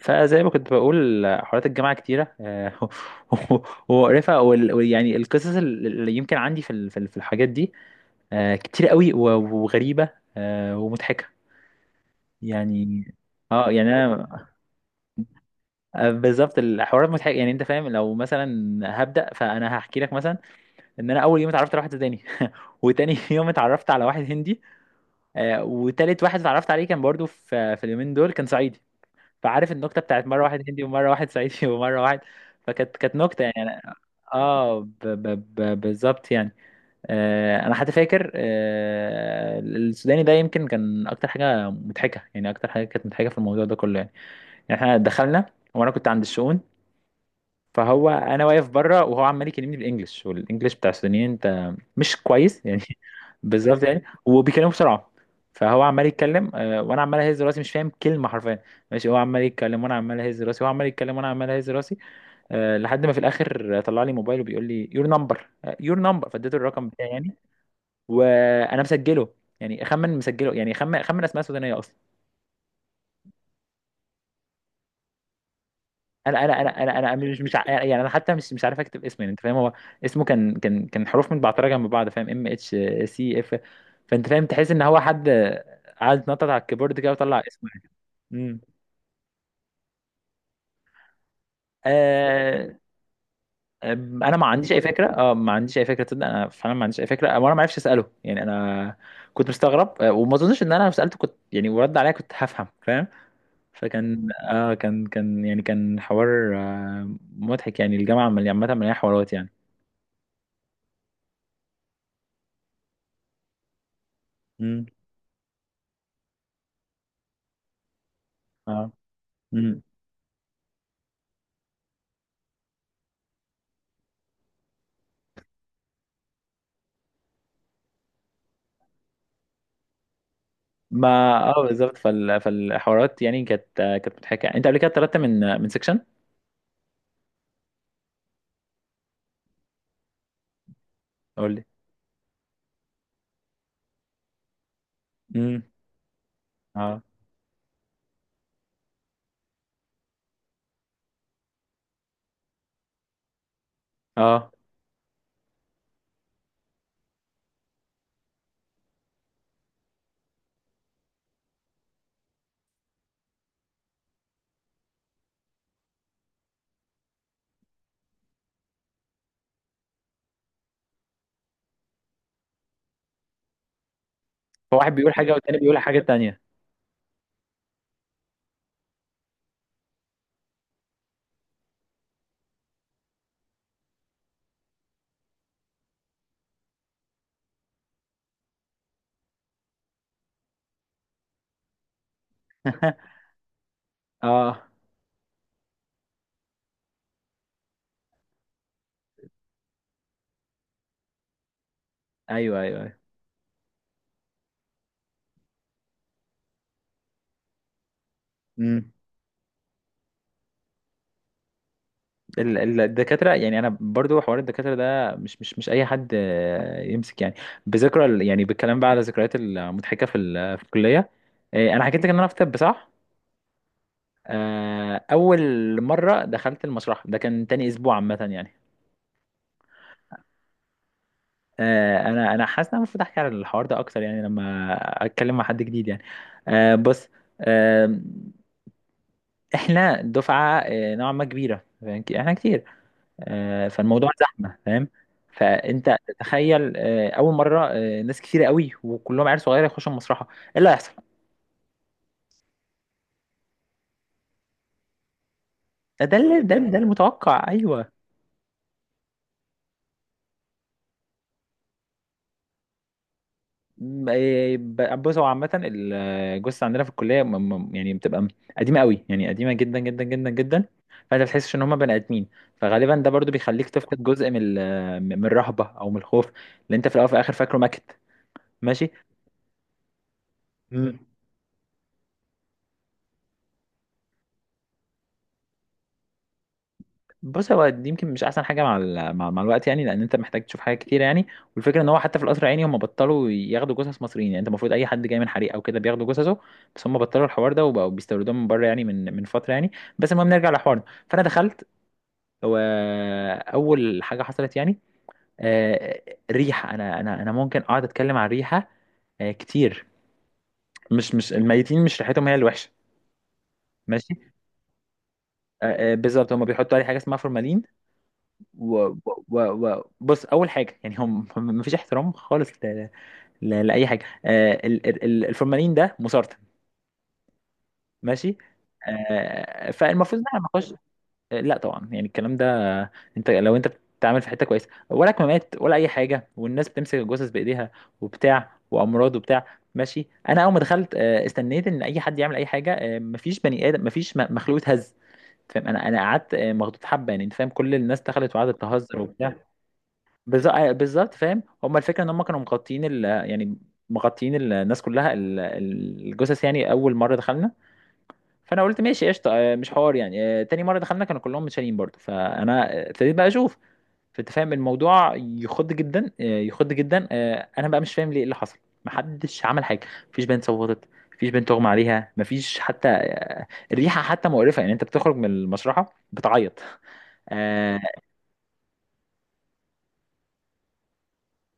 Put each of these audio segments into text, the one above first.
فزي ما كنت بقول حوارات الجامعة كتيرة ومقرفة وال- ويعني القصص اللي يمكن عندي في الحاجات دي كتير قوي و- وغريبة ومضحكة يعني. انا بالظبط الحوارات مضحكة، يعني انت فاهم، لو مثلا هبدأ فانا هحكي لك مثلا ان انا اول يوم اتعرفت على واحد سوداني وتاني يوم اتعرفت على واحد هندي، وتالت واحد اتعرفت عليه كان برضو في اليومين دول كان صعيدي. فعارف النكته بتاعت مره واحد هندي ومره واحد صعيدي ومره واحد. فكانت نكته، يعني بالظبط يعني. آه انا حتى فاكر، السوداني ده يمكن كان اكتر حاجه مضحكه، يعني اكتر حاجه كانت مضحكه في الموضوع ده كله يعني. يعني احنا دخلنا وانا كنت عند الشؤون، فهو انا واقف بره وهو عمال يكلمني بالانجلش، والانجلش بتاع السودانيين انت مش كويس يعني بالظبط يعني، وبيكلموا بسرعه. فهو عمال يتكلم وانا عمال اهز راسي مش فاهم كلمه حرفيا. ماشي، هو عمال يتكلم وانا عمال اهز راسي، هو عمال يتكلم وانا عمال اهز راسي، لحد ما في الاخر طلع لي موبايله بيقول لي يور نمبر. يور نمبر، فاديته الرقم بتاعي يعني، وانا مسجله، يعني اخمن مسجله، يعني اخمن اسماء سودانيه اصلا. انا مش يعني انا حتى مش عارف اكتب اسمه، يعني انت فاهم. هو اسمه كان حروف متبعترة جنب بعض، فاهم؟ ام اتش سي اف. فانت فاهم، تحس ان هو حد قاعد يتنطط على الكيبورد كده وطلع اسمه يعني. امم آه انا ما عنديش اي فكره، اه ما عنديش اي فكره، تصدق انا فعلا ما عنديش اي فكره، وانا ما عرفش اساله يعني. انا كنت مستغرب، وما اظنش ان انا لو سالته كنت، يعني ورد عليا، كنت هفهم فاهم. فكان كان يعني كان حوار مضحك يعني. الجامعه عامه مليانه حوارات يعني. امم. مم. ما اه بالظبط. فالحوارات يعني كانت مضحكه. انت قبل كده اتطردت من سيكشن؟ قول لي. امم. اه اه. فواحد بيقول حاجه والتاني بيقول حاجه تانية. اه، ايوه ايوه ايوه. امم. الدكاتره، يعني انا برضو حوار الدكاتره ده، مش اي حد يمسك يعني يعني بالكلام بقى على الذكريات المضحكه في الكليه. انا حكيت لك ان انا في طب، صح؟ اول مره دخلت المسرح ده كان تاني اسبوع عامه يعني. انا انا حاسس ان انا المفروض احكي على الحوار ده اكتر، يعني لما اتكلم مع حد جديد يعني. بص، آه، احنا دفعه نوعا ما كبيره، فاهم؟ احنا كتير، فالموضوع زحمه فاهم. فانت تخيل، اول مره، ناس كتير قوي وكلهم عيال صغيره يخشوا المسرحه، ايه اللي هيحصل؟ ده ده المتوقع ايوه. إيه، بص، هو عامة الجثة عندنا في الكلية يعني بتبقى قديمة قوي، يعني قديمة جدا جدا جدا جدا. فانت بتحسش ان هما بني ادمين، فغالبا ده برضو بيخليك تفقد جزء من الرهبة او من الخوف، اللي انت في الاول وفي الاخر فاكره ماكت. ماشي. بص، هو دي يمكن مش احسن حاجه مع مع الوقت، يعني لان انت محتاج تشوف حاجات كتير يعني. والفكره ان هو حتى في القصر العيني هم بطلوا ياخدوا جثث مصريين، يعني انت المفروض اي حد جاي من حريق او كده بياخدوا جثثه، بس هم بطلوا الحوار ده وبقوا بيستوردوها من بره، يعني من فتره يعني. بس المهم نرجع لحوارنا. فانا دخلت واول حاجه حصلت يعني، آه، ريحه. انا ممكن اقعد اتكلم عن ريحه كتير. مش مش الميتين، مش ريحتهم هي الوحشه. ماشي، بالظبط، هم بيحطوا عليه حاجه اسمها فورمالين. و... بص، اول حاجه يعني، هم هم مفيش احترام خالص لاي حاجه. آه، الفورمالين ده مسرطن، ماشي. آه فالمفروض ان احنا نخش، آه لا طبعا يعني الكلام ده. آه، انت لو انت بتتعامل في حته كويسه، ولا كمامات ولا اي حاجه، والناس بتمسك الجثث بايديها وبتاع، وامراض وبتاع. ماشي، انا اول ما دخلت استنيت ان اي حد يعمل اي حاجه، آه مفيش بني ادم، مفيش مخلوق اتهز. فاهم؟ انا انا قعدت مخضوض حبه، يعني انت فاهم، كل الناس دخلت وقعدت تهزر وبتاع. بالظبط فاهم. هما الفكره ان هما كانوا مغطيين يعني مغطيين الناس كلها، الجثث، يعني اول مره دخلنا. فانا قلت ماشي قشطه، مش حوار يعني. تاني مره دخلنا كانوا كلهم متشالين برضو، فانا ابتديت بقى اشوف. فانت فاهم الموضوع يخض جدا، يخض جدا، انا بقى مش فاهم ليه إيه اللي حصل. محدش عمل حاجه، مفيش بنت صوتت، مفيش بنت اغمى عليها، مفيش حتى، الريحه حتى مقرفه، يعني انت بتخرج من المشرحه بتعيط. آه،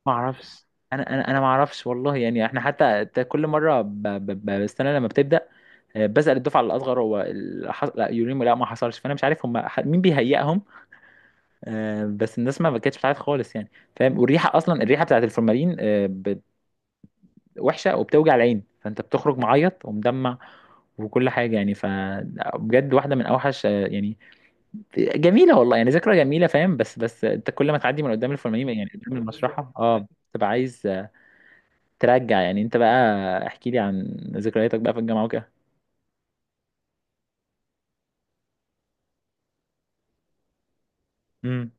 ما اعرفش. انا ما اعرفش والله يعني. احنا حتى كل مره بستنى لما بتبدا، بسال الدفعه الاصغر هو لا يوريمو، لا ما حصلش. فانا مش عارف هم مين بيهيئهم. بس الناس ما كانتش بتعرف خالص يعني. فاهم؟ والريحه اصلا، الريحه بتاعت الفورمالين، وحشه وبتوجع العين، فانت بتخرج معيط ومدمع وكل حاجه يعني. فبجد واحده من اوحش، يعني جميله والله، يعني ذكرى جميله فاهم. بس بس انت كل ما تعدي من قدام الفورمالين، يعني قدام المشرحه، اه تبقى عايز ترجع يعني. انت بقى احكي لي عن ذكرياتك بقى في الجامعة وكده. امم،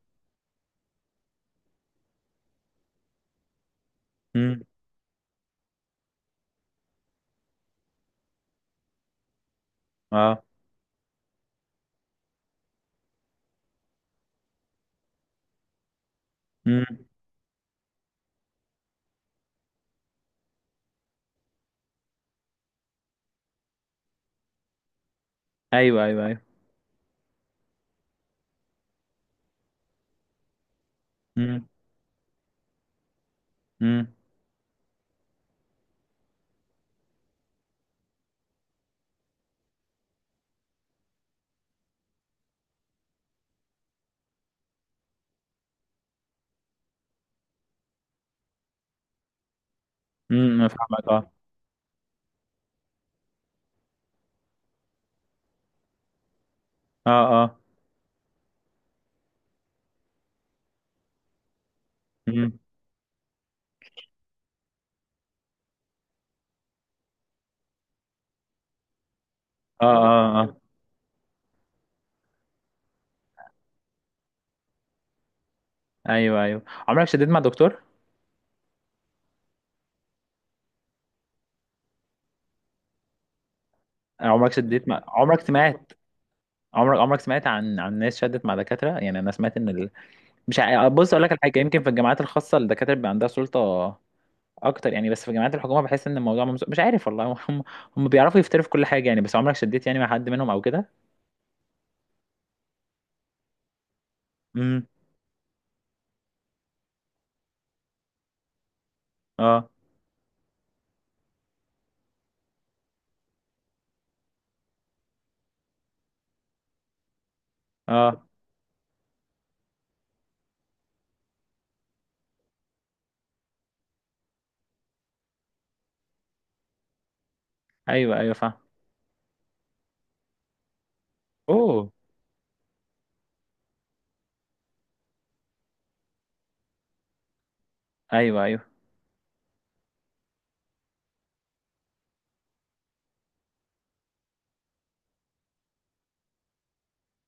امم، اه، امم، ايوه ايوه ايوه، امم، امم، فاهمك، اه اه اه، امم، اه اه اه، ايوه ايوه. عمرك شديت مع دكتور؟ عمرك شديت مع، عمرك سمعت، عمرك سمعت عن ناس شدت مع دكاترة؟ يعني انا سمعت ان مش بص اقول لك الحاجة، يمكن في الجامعات الخاصة الدكاترة بيبقى عندها سلطة اكتر يعني، بس في جامعات الحكومة بحس ان الموضوع مش عارف والله هم هم بيعرفوا يفتروا في كل حاجة يعني. بس عمرك شديت يعني مع حد منهم او كده؟ اه اه، ايوه ايوه فاهم، اوه، ايوه ايوه،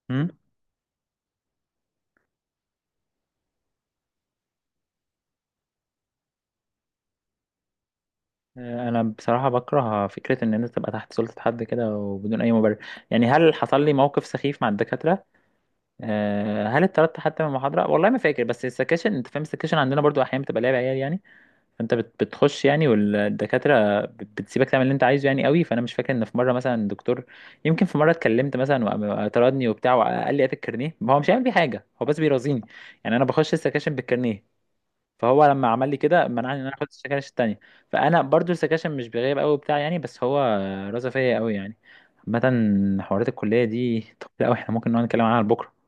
امم. انا بصراحه بكره فكره ان انت تبقى تحت سلطه حد كده وبدون اي مبرر. يعني هل حصل لي موقف سخيف مع الدكاتره؟ آه. هل اتطردت حتى من المحاضره؟ والله ما فاكر. بس السكاشن، انت فاهم السكاشن عندنا برضو احيانا بتبقى لعب عيال يعني. فانت بتخش يعني، والدكاتره بتسيبك تعمل اللي انت عايزه يعني قوي. فانا مش فاكر ان في مره مثلا دكتور، يمكن في مره اتكلمت مثلا وطردني وبتاع، وقال لي هات الكارنيه، ما هو مش هيعمل بيه حاجه، هو بس بيرازيني يعني. انا بخش السكاشن بالكارنيه، فهو لما عمل لي كده منعني ان انا اخد السكاشن التانية. فانا برضو السكاشن مش بيغيب قوي بتاع يعني، بس هو رازة فيا قوي يعني. عامة حوارات الكلية دي، طب لا احنا ممكن نقعد نتكلم عنها بكرة.